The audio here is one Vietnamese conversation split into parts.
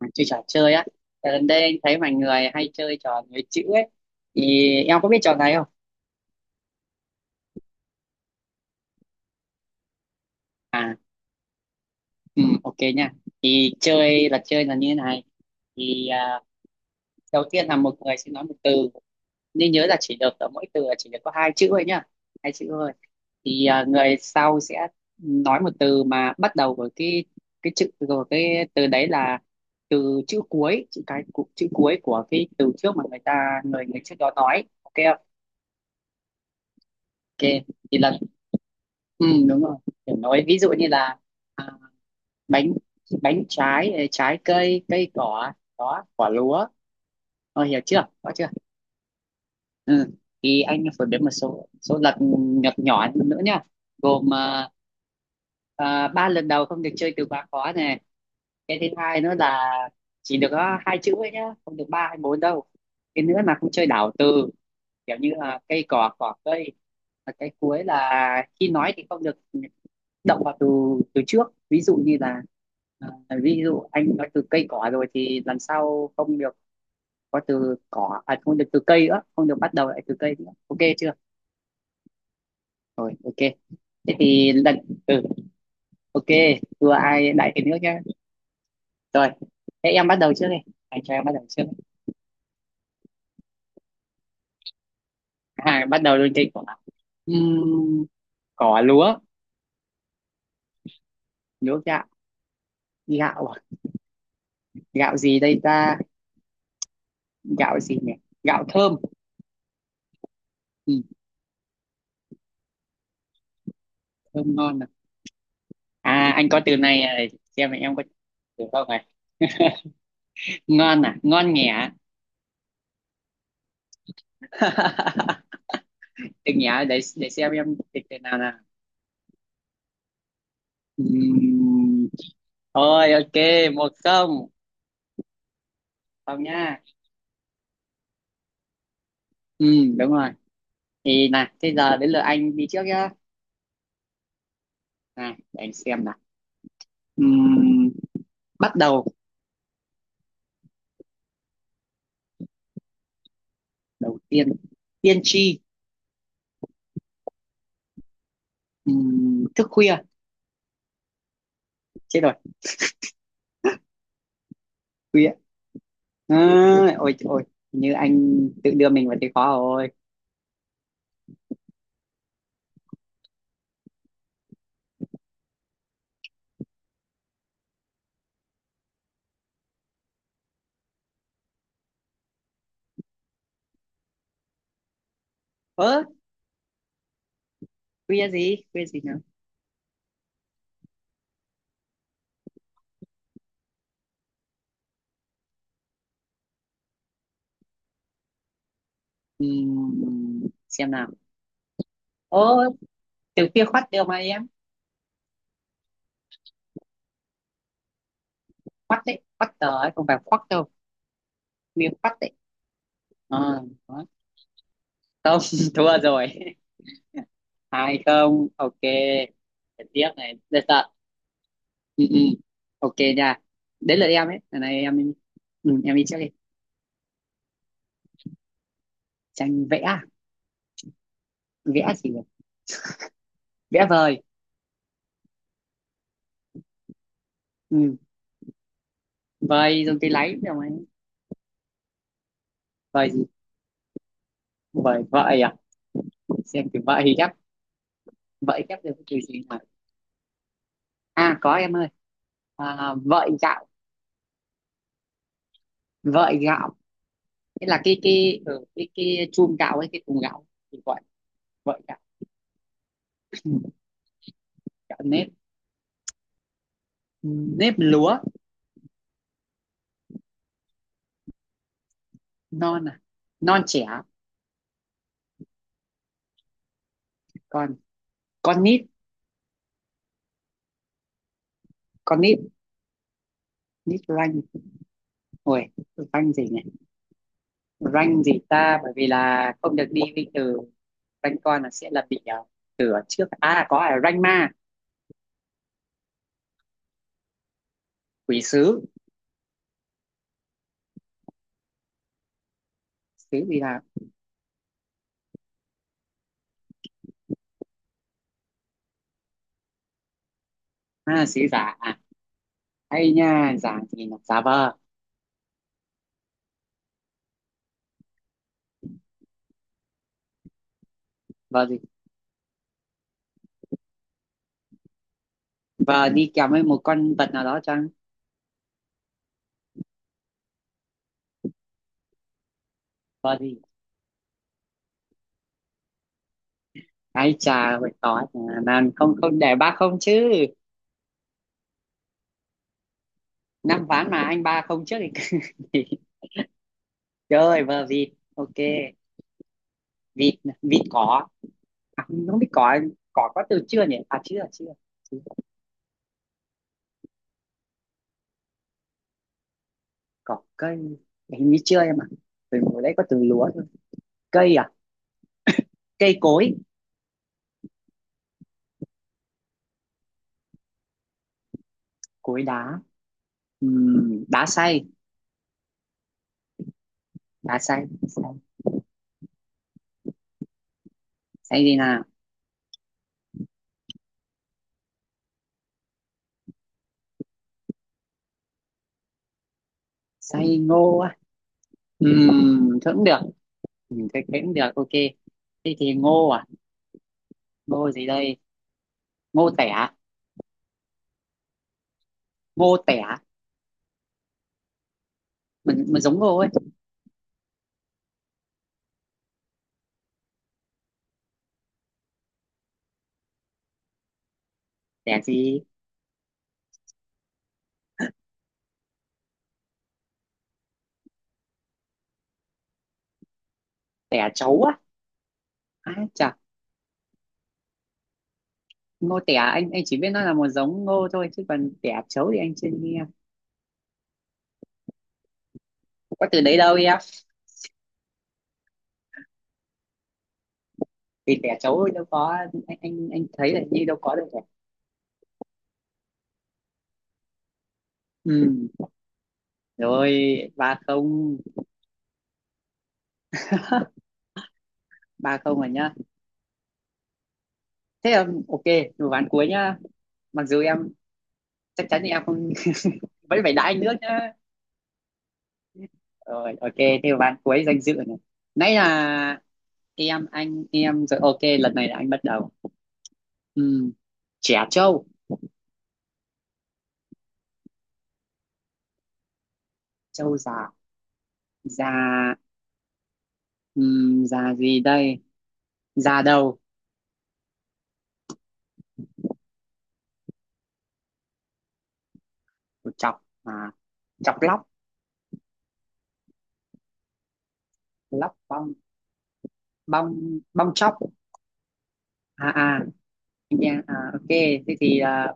Mà chơi trò chơi á. Tại gần đây anh thấy mọi người hay chơi trò nối chữ ấy, thì em có biết trò này không? À, ừ, ok nha. Thì chơi là như thế này, thì à, đầu tiên là một người sẽ nói một từ. Nên nhớ là chỉ được ở mỗi từ là chỉ được có hai chữ thôi nhá, hai chữ thôi. Người sau sẽ nói một từ mà bắt đầu với cái chữ rồi cái từ đấy là từ chữ cuối, chữ cái, chữ cuối của cái từ trước mà người ta người người trước đó nói, ok không? Ok, thì lần... Ừ, đúng rồi, kiểu nói ví dụ như là à, bánh, bánh trái, trái cây, cây cỏ, đó, quả lúa. Ờ, hiểu chưa, có chưa? Ừ. Thì anh phổ biến một số số lật nhỏ nhỏ nữa nhá. Gồm ba lần đầu không được chơi từ quá khó này. Cái thứ hai nữa là chỉ được có hai chữ ấy nhá, không được ba hay bốn đâu. Cái nữa là không chơi đảo từ, kiểu như là cây cỏ, cỏ cây. Và cái cuối là khi nói thì không được động vào từ từ trước, ví dụ như là à, ví dụ anh nói từ cây cỏ rồi thì lần sau không được có từ cỏ, à không được từ cây nữa, không được bắt đầu lại từ cây nữa, ok chưa? Rồi, ok. Thế thì lần... ừ, ok, vừa ai đại thì nước nhá. Rồi, thế em bắt đầu trước đi, anh cho em bắt đầu trước đi. Bắt đầu luôn, cây cỏ. Ừm, Cỏ lúa. Lúa gạo. Gạo à? Gạo gì đây ta, gạo gì nhỉ, gạo thơm. Ừ, thơm ngon à. À, anh có từ này, xem là em có từ không. Ngon à, ngon nhẹ. Từ nhẹ, để xem em thịt thế nào nào. Ừm, Thôi ok, 1-0. Không nha. Đúng rồi. Thì nè, thế giờ đến lượt anh đi trước nhá. Này để anh xem nào. Ừm, Bắt đầu. Đầu tiên. Tiên tri. Thức khuya. Chết rồi. Khuya à, ôi trời ơi, như anh tự đưa mình vào thế khó rồi. Ơ, khuya gì, khuya gì nữa. Xem nào. Ô, từ khuya khoắt đều mà em. Quắt đấy, quắt tờ ấy, không phải quắt đâu, miếng quắt đấy. Ờ, đó. Không, thua rồi. 2-0, ok. Để tiếp này, để tận. Ừ, ừ. Ok nha. Đến lượt em ấy, lần này em... ừ, em đi trước đi. Tranh vẽ à? Vẽ gì nhỉ? Vẽ vời. Ừ. Vời, dùng cái lấy đâu ấy. Vời gì, vời vợi à. Để xem từ vợi ghép, vợi ghép được từ gì mà. À có em ơi, vợi gạo. Vợi gạo, nghĩa là cái chum gạo ấy, cái thùng gạo thì gọi vậy. Gạo nếp. Nếp lúa. Non à, non trẻ. Còn, con nít. Con nít. Nít ranh. Ôi, ranh gì này, ranh gì ta, bởi vì là không được đi với từ ranh con, là sẽ là bị từ ở trước, à có, à ranh ma. Quỷ sứ. Sứ gì là, à sứ giả à, hay nha, giả gì là giả vờ. Vờ gì, vờ đi kèm với một con vật nào đó chăng. Vờ gì, ai chà vậy có, mà không không, để 3-0 chứ. Năm ván mà anh 3-0 trước thì chơi vờ vịt, ok. Vịt, nè, vịt cỏ. À, không biết cỏ, cỏ có từ chưa nhỉ? À chưa, chưa. Chưa. Cỏ cây, hình như chưa em ạ. Từ hồi đấy có từ lúa thôi. Cây à? Cây cối. Cối đá. Đá xay, đá xay. Xay, xay gì nào? Xay ngô á. Thôi cũng được. Ừ, cái cũng được, ok. Thế thì ngô à? Ngô gì đây? Ngô tẻ, ngô tẻ. Mình giống ngô ấy. Tẻ gì? Tẻ trấu á. À, ngô tẻ anh chỉ biết nó là một giống ngô thôi, chứ còn tẻ trấu thì anh chưa nghe. Không có từ đấy đâu em, vì tẻ trấu thì đâu có, anh thấy là như đâu có được rồi. Ừ. Rồi, 3-0. 3-0 rồi nhá. Thế là ok, một ván cuối nhá. Mặc dù em chắc chắn thì em không, vẫn phải đá anh nước nhá. Rồi ok, thế là ván cuối danh dự này, nãy là em, anh em rồi, ok lần này là anh bắt đầu. Ừ. Trẻ trâu. Trâu già. Già, ừ, già gì đây, da đầu. Chọc à, chọc lóc. Lóc bong. Bong, bong chóc. à à yeah, à ok. Thế thì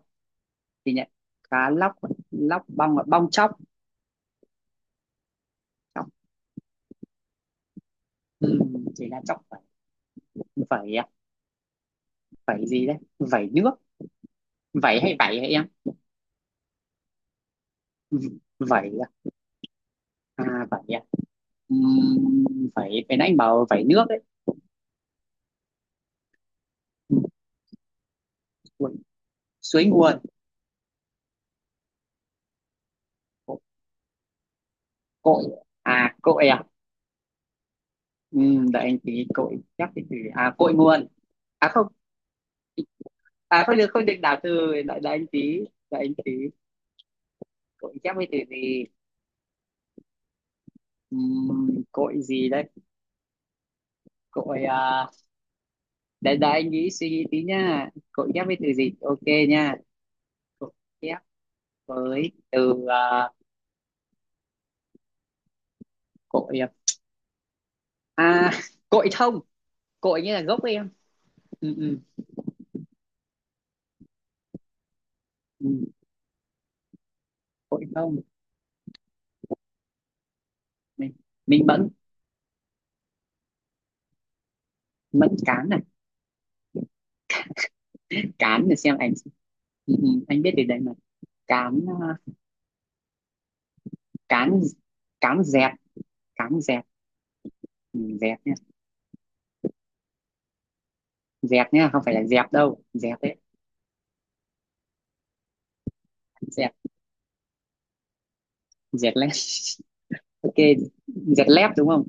thì nhận cá lóc, lóc bong và bong chóc. Chóc, ừ, chỉ là chóc vẩy. Vẩy à? Vẩy gì đấy, vẩy nước. Vẩy hay vẩy, hay em? Vẩy à? À vẩy à. Ừm, Vẩy cái nãy anh bảo vẩy nước đấy. Ui, suối nguồn. Cội à, cội à. Đợi anh tí, cội chắc thì à cội nguồn, à không, à không được, không được đảo từ. Đợi đợi anh tí, đợi anh tí. Cội chép với từ gì. Cội gì đây, cội à, đợi đợi anh nghĩ, suy nghĩ tí nha, cội chép với từ gì, ok nha. Cội chép với từ cội à, cội thông. Cội như là gốc ấy em. Ừ, ừ, ừ. Cội thông. mình mình mẫn. Mẫn cán này. Cán để xem ảnh. Ừ, ừ, anh biết từ đấy mà. Cán à, cán cán dẹp, cán dẹp. Ừ, dẹp nha, dẹp nha, không phải là dẹp đâu, dẹp đấy, dẹt. Dẹt lép. Ok, dẹt lép đúng không.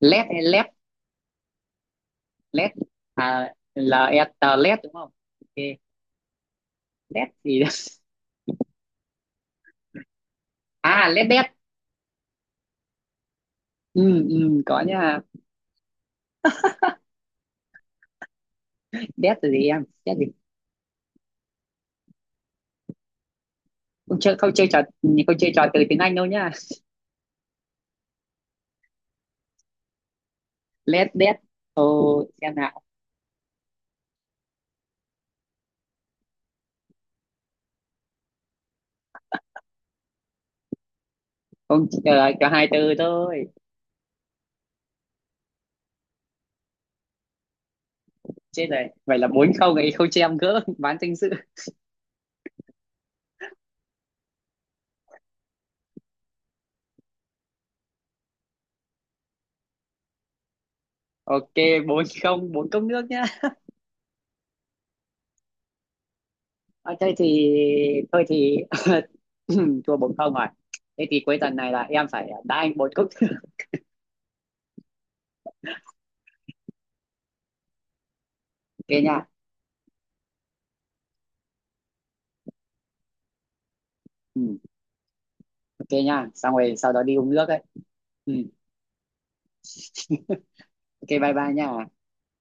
Lép hay lép, lép à, LET lép đúng không. Ok. Lép thì à lép đét. Ừ, ừ, có nha. Đét là gì em, đét gì? Không chơi, không chơi trò, không chơi trò từ tiếng Anh đâu nhá. Lép đét. Ô, xem nào. Không. Ờ, có hai từ thôi. Chết rồi, vậy là 4-0 ấy, không cho em gỡ bán danh dự. Ok, 4-0, bốn cốc nước nhá. Ờ, thế thì, thôi thì thua 4-0 rồi. Thế thì cuối tuần này là em phải đá anh một cốc. Ok nha. Ừ, ok nha, xong rồi sau đó đi uống nước ấy. Ừ, ok, bye bye nha.